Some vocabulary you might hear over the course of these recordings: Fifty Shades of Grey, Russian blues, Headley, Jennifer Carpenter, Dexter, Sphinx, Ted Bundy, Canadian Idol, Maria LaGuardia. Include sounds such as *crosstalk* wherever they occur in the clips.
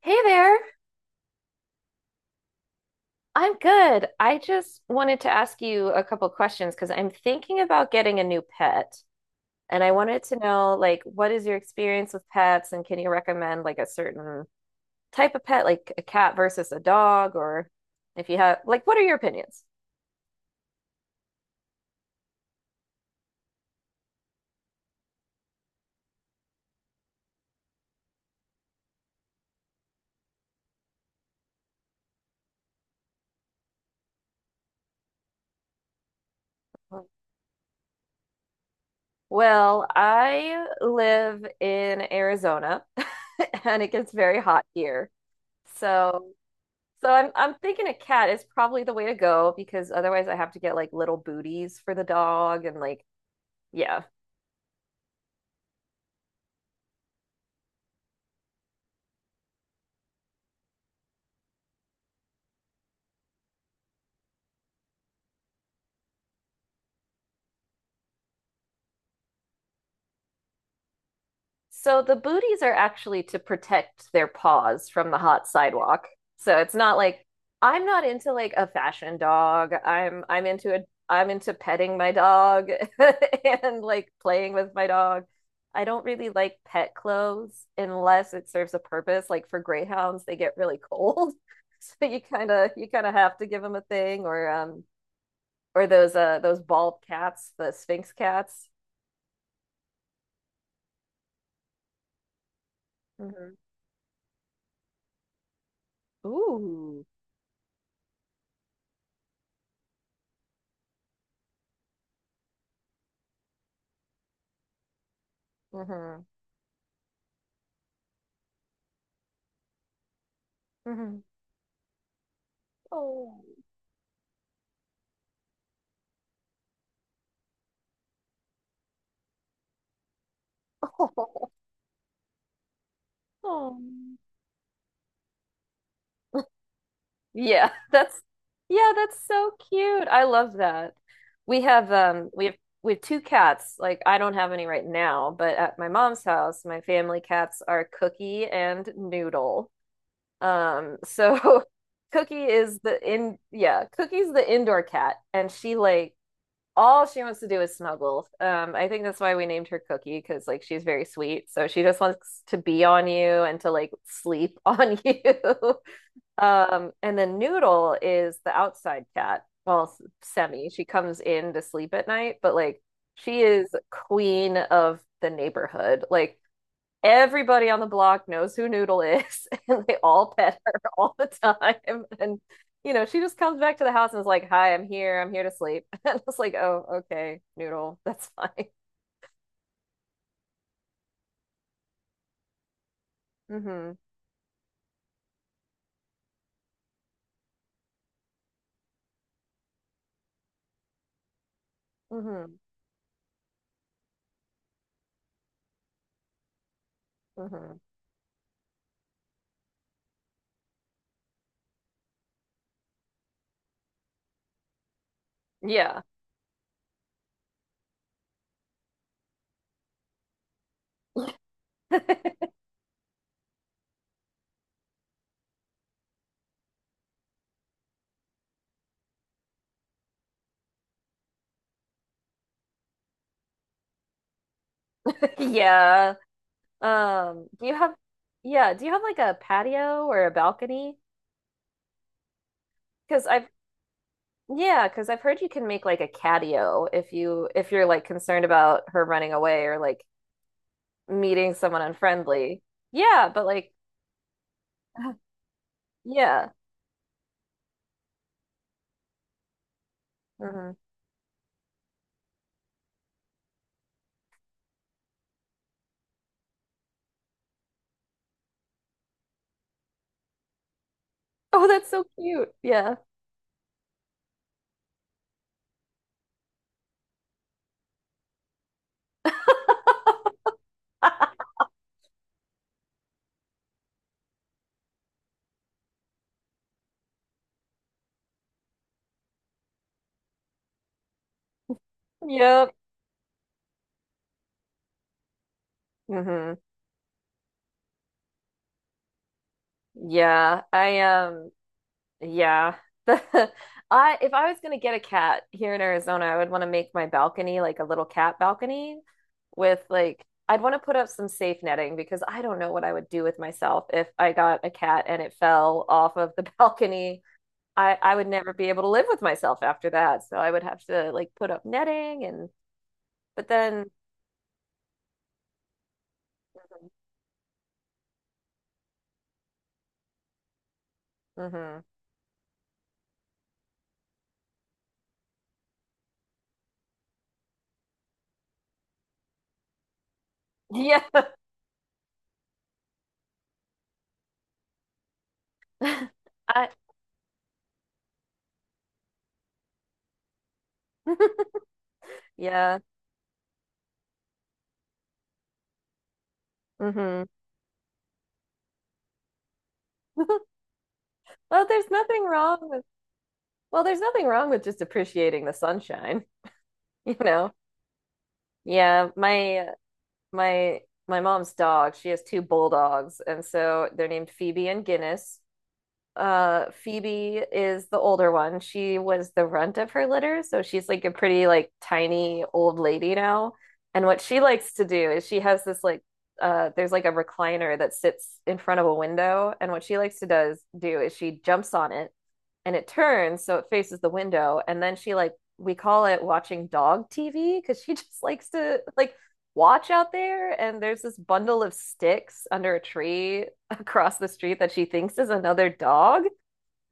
Hey there. I'm good. I just wanted to ask you a couple questions because I'm thinking about getting a new pet, and I wanted to know, like, what is your experience with pets, and can you recommend like a certain type of pet, like a cat versus a dog, or if you have, like, what are your opinions? Well, I live in Arizona *laughs* and it gets very hot here. So So I'm thinking a cat is probably the way to go, because otherwise I have to get like little booties for the dog and like yeah. So the booties are actually to protect their paws from the hot sidewalk. So it's not like I'm not into like a fashion dog. I'm into a I'm into petting my dog *laughs* and like playing with my dog. I don't really like pet clothes unless it serves a purpose. Like for greyhounds, they get really cold. *laughs* So you kind of have to give them a thing, or those bald cats, the Sphinx cats. hmm Ooh. hmm hmm Oh. *laughs* Oh. Oh. Yeah, that's yeah, that's so cute. I love that. We have um we have we have two cats. Like, I don't have any right now, but at my mom's house, my family cats are Cookie and Noodle. Um, so *laughs* Cookie is the in yeah, Cookie's the indoor cat, and she like all she wants to do is snuggle. I think that's why we named her Cookie, because like she's very sweet, so she just wants to be on you and to like sleep on you. *laughs* Um, and then Noodle is the outside cat. Well, semi. She comes in to sleep at night, but like she is queen of the neighborhood. Like everybody on the block knows who Noodle is, *laughs* and they all pet her *laughs* all the time. And you know, she just comes back to the house and is like, "Hi, I'm here. I'm here to sleep." *laughs* And it's like, "Oh, okay, Noodle, that's *laughs* fine." Mm-hmm. Mm-hmm. Mm-hmm. Yeah. *laughs* Yeah. Do you have Yeah, do you have like a patio or a balcony? Because I've Yeah, because I've heard you can make like a catio if you, if you're like concerned about her running away or like meeting someone unfriendly. Yeah, but like, yeah. hmm Oh, that's so cute. Yeah. *laughs* Yep. hmm Yeah. I um yeah. *laughs* I If I was gonna get a cat here in Arizona, I would want to make my balcony like a little cat balcony, with like I'd want to put up some safe netting, because I don't know what I would do with myself if I got a cat and it fell off of the *laughs* balcony. I would never be able to live with myself after that. So I would have to like put up netting, and but then hmm Yeah. *laughs* I *laughs* yeah. hmm *laughs* Well, there's nothing wrong with well, there's nothing wrong with just appreciating the sunshine, *laughs* you know. Yeah, my uh, my my mom's dog, she has two bulldogs, and so they're named Phoebe and Guinness. Uh, Phoebe is the older one. She was the runt of her litter, so she's like a pretty like tiny old lady now. And what she likes to do is she has this like, there's like a recliner that sits in front of a window, and what she likes to does do is she jumps on it, and it turns so it faces the window, and then she like, we call it watching dog TV because she *laughs* just likes to like watch out there, and there's this bundle of sticks under a tree across the street that she thinks is another dog.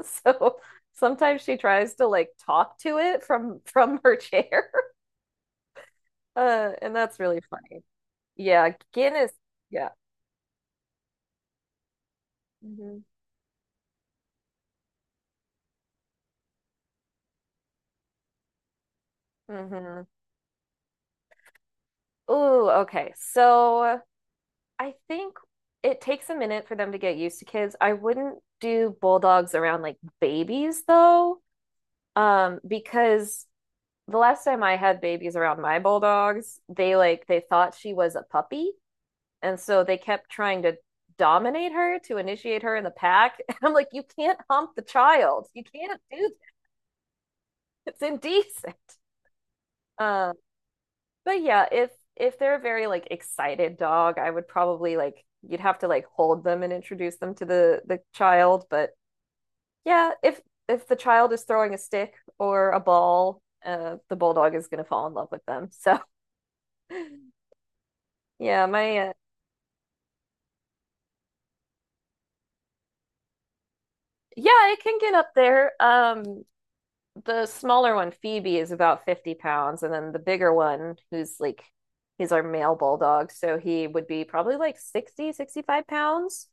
*laughs* So sometimes she tries to like talk to it from her chair. *laughs* And that's really funny. Yeah, Guinness. Yeah. hmm hmm Ooh, okay. So I think it takes a minute for them to get used to kids. I wouldn't do bulldogs around like babies though, because the last time I had babies around my bulldogs, they like they thought she was a puppy. And so they kept trying to dominate her to initiate her in the pack. *laughs* And I'm like, you can't hump the child. You can't do that. It's indecent. Um, but yeah, if they're a very like excited dog, I would probably like, you'd have to like hold them and introduce them to the child. But yeah, if the child is throwing a stick or a ball, the bulldog is going to fall in love with them. *laughs* So yeah, my uh, yeah, it can get up there. The smaller one, Phoebe, is about 50 pounds, and then the bigger one, who's like he's our male bulldog, so he would be probably like 60, 65 pounds.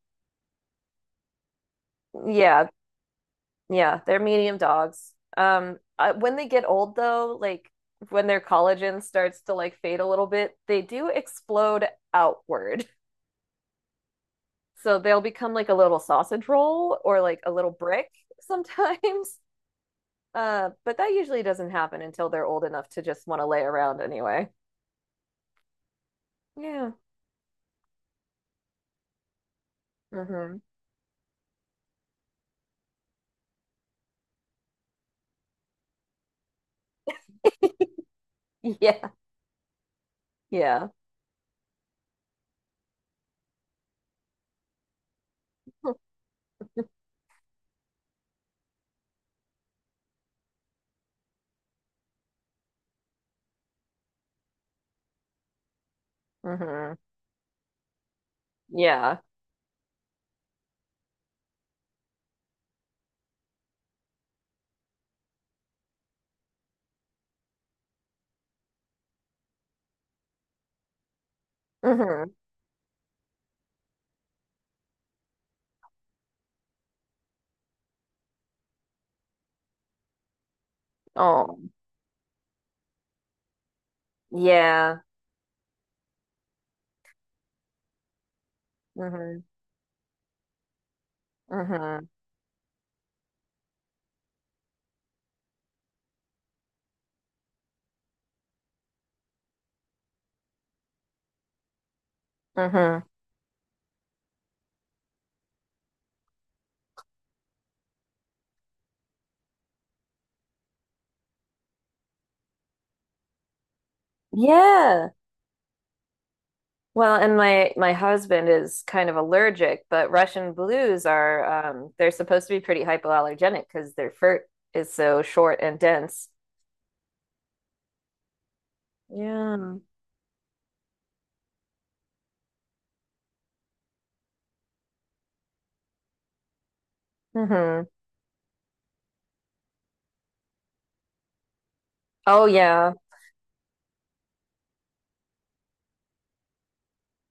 Yeah, yeah, they're medium dogs. I, when they get old though, like when their collagen starts to like fade a little bit, they do explode outward. So they'll become like a little sausage roll or like a little brick *laughs* sometimes. But that usually doesn't happen until they're old enough to just want to lay around anyway. Yeah. hmm Yeah. Yeah. hmm Yeah. hmm Oh, yeah. hmm hmm hmm Yeah. Well, and my husband is kind of allergic, but Russian blues are um, they're supposed to be pretty hypoallergenic because their fur is so short and dense. Yeah. hmm Oh yeah.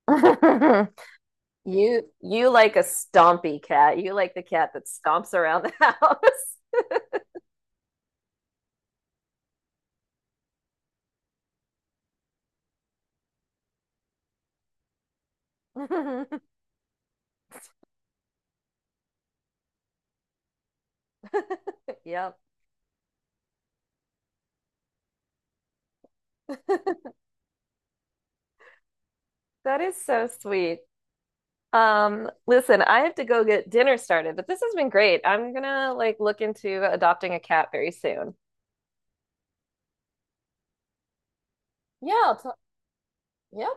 *laughs* You like a stompy cat. You like the cat that stomps around the house. *laughs* Yep. *laughs* That is so sweet. Listen, I have to go get dinner started, but this has been great. I'm gonna like look into adopting a cat very soon. Yeah, I'll t- yeah.